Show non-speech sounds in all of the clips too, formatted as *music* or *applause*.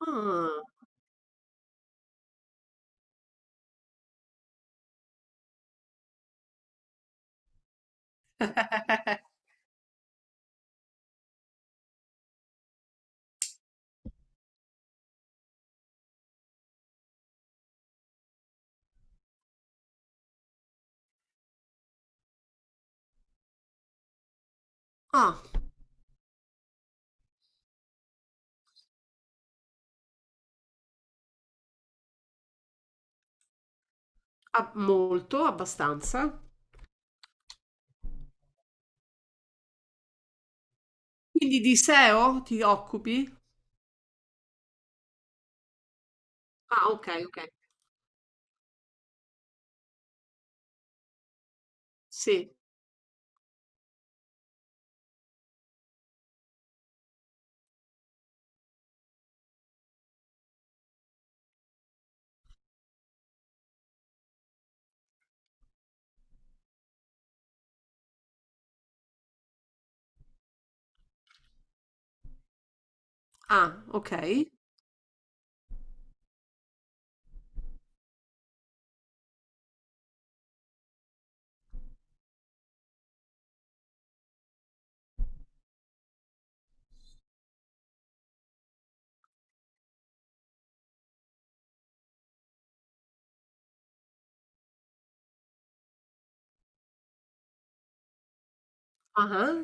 Ah, ah, ah, molto, abbastanza. Quindi di SEO ti occupi? Ah, ok, ok. Sì. Ah, ok. Ah,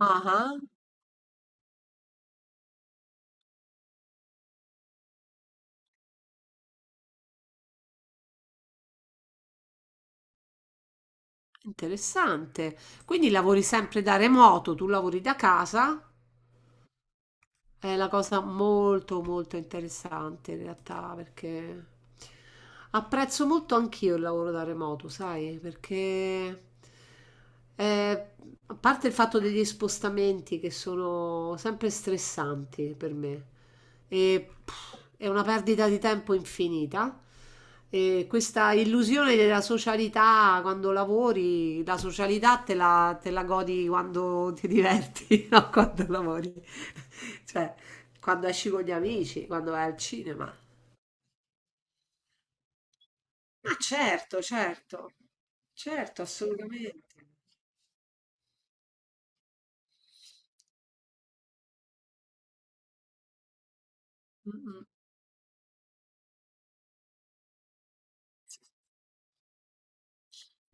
ah, ah, interessante. Quindi lavori sempre da remoto, tu lavori da casa? È una cosa molto molto interessante in realtà, perché apprezzo molto anch'io il lavoro da remoto, sai, perché eh, a parte il fatto degli spostamenti che sono sempre stressanti per me e pff, è una perdita di tempo infinita. E questa illusione della socialità: quando lavori, la socialità te la godi quando ti diverti, *laughs* non quando lavori. *laughs* Cioè, quando esci con gli amici, quando vai al cinema. Ma certo, certo, certo, assolutamente. Mm, mm.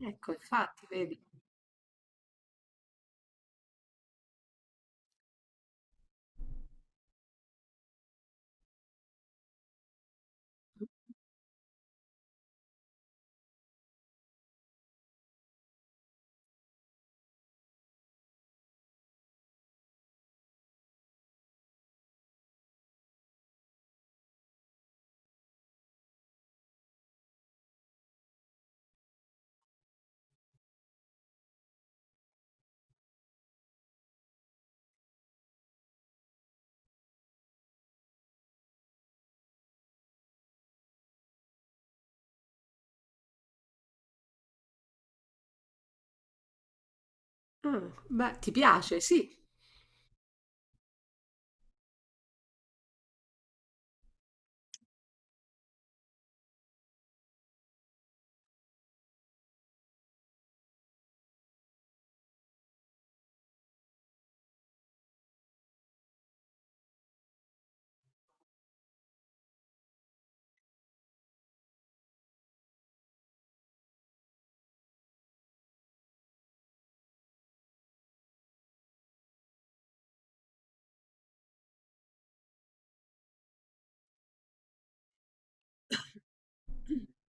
Ecco, infatti, vedi. Ah, beh, ti piace, sì,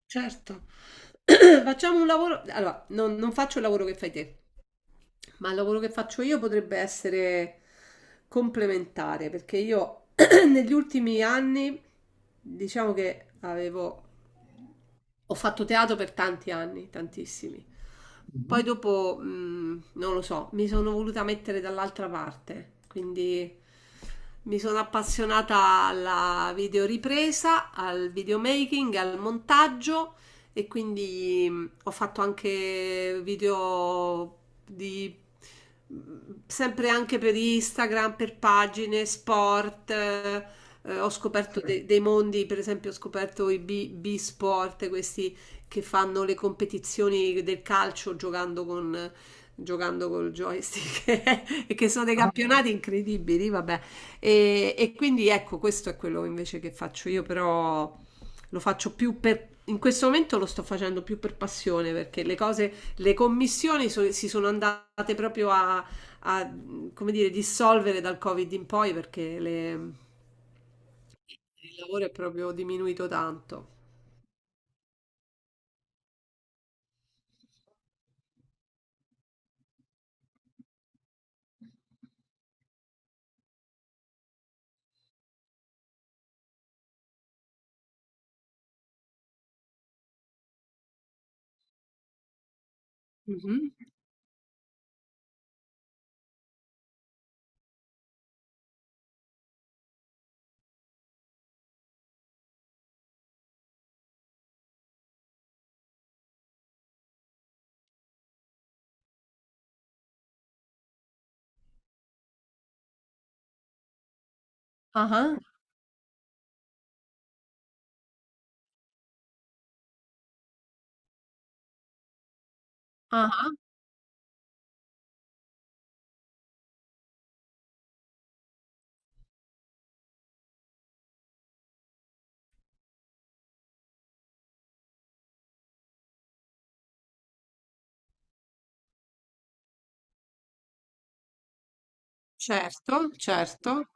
certo. *clears throat* Facciamo un lavoro. Allora, non faccio il lavoro che fai te, ma il lavoro che faccio io potrebbe essere complementare, perché io *clears throat* negli ultimi anni diciamo che avevo ho fatto teatro per tanti anni, tantissimi. Poi mhm, dopo, non lo so, mi sono voluta mettere dall'altra parte, quindi mi sono appassionata alla videoripresa, al videomaking, al montaggio, e quindi ho fatto anche video di mm, sempre anche per Instagram, per pagine, sport, ho scoperto dei mondi. Per esempio, ho scoperto i B-Sport, questi che fanno le competizioni del calcio giocando con, giocando col joystick *laughs* e che sono dei campionati incredibili, vabbè. E quindi ecco, questo è quello invece che faccio io, però lo faccio più per... In questo momento lo sto facendo più per passione, perché le cose, le commissioni si sono andate proprio a, a, come dire, dissolvere dal Covid in poi, perché il lavoro è proprio diminuito tanto. Mhm. Ah, ah, ah, certo, certo.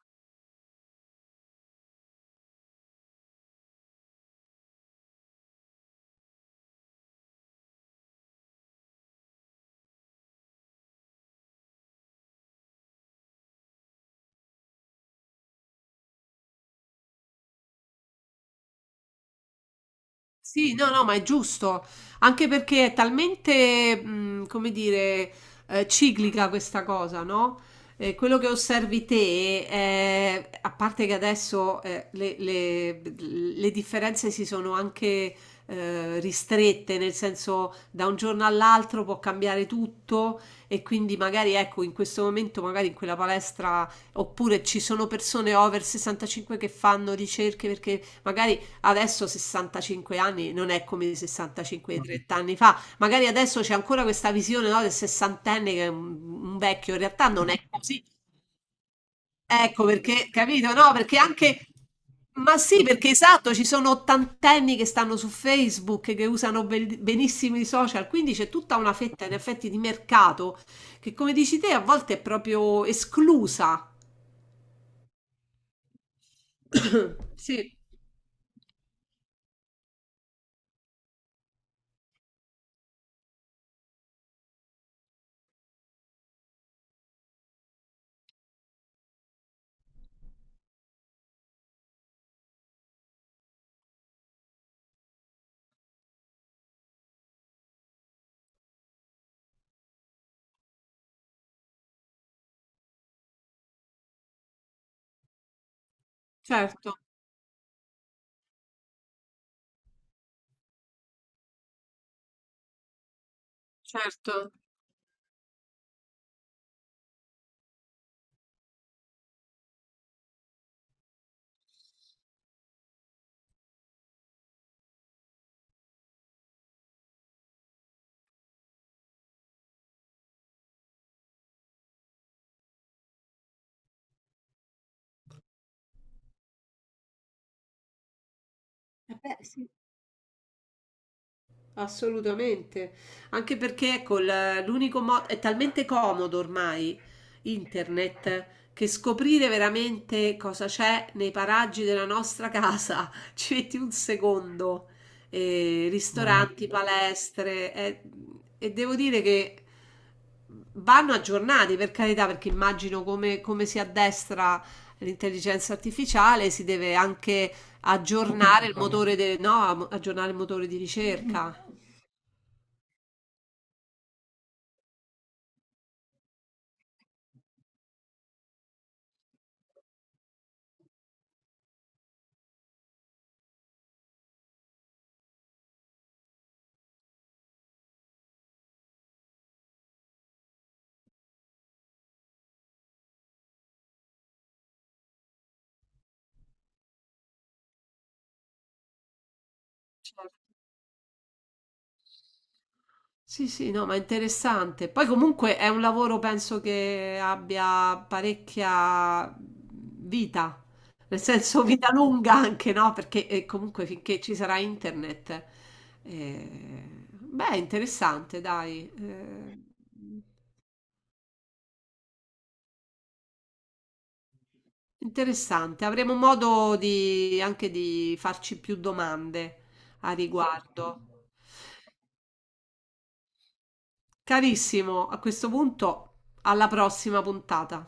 Sì, no, no, ma è giusto, anche perché è talmente, come dire, ciclica questa cosa, no? Quello che osservi te, è- a parte che adesso le, le differenze si sono anche ristrette, nel senso da un giorno all'altro può cambiare tutto, e quindi magari ecco in questo momento, magari in quella palestra, oppure ci sono persone over 65 che fanno ricerche perché magari adesso 65 anni non è come 65 di 30 anni fa. Magari adesso c'è ancora questa visione, no, del sessantenne che è un vecchio. In realtà non è così. Ecco perché, capito? No, perché anche... Ma sì, perché esatto, ci sono ottantenni che stanno su Facebook, che usano benissimo i social, quindi c'è tutta una fetta in effetti di mercato che, come dici te, a volte è proprio esclusa. *coughs* Sì, certo, certo. Eh beh, sì. Assolutamente, anche perché col, l'unico modo, è talmente comodo ormai internet, che scoprire veramente cosa c'è nei paraggi della nostra casa *laughs* ci metti un secondo. Mm, ristoranti, palestre, e devo dire che vanno aggiornati, per carità, perché immagino come, come si addestra l'intelligenza artificiale, si deve anche aggiornare il motore, de- no, aggiornare il motore di ricerca. Certo. Sì, sì, no, ma è interessante. Poi comunque è un lavoro, penso che abbia parecchia vita, nel senso *laughs* vita lunga anche, no? Perché comunque finché ci sarà internet. Eh, beh, è interessante, dai. Eh, interessante. Avremo modo di, anche di farci più domande a riguardo. Carissimo, a questo punto, alla prossima puntata.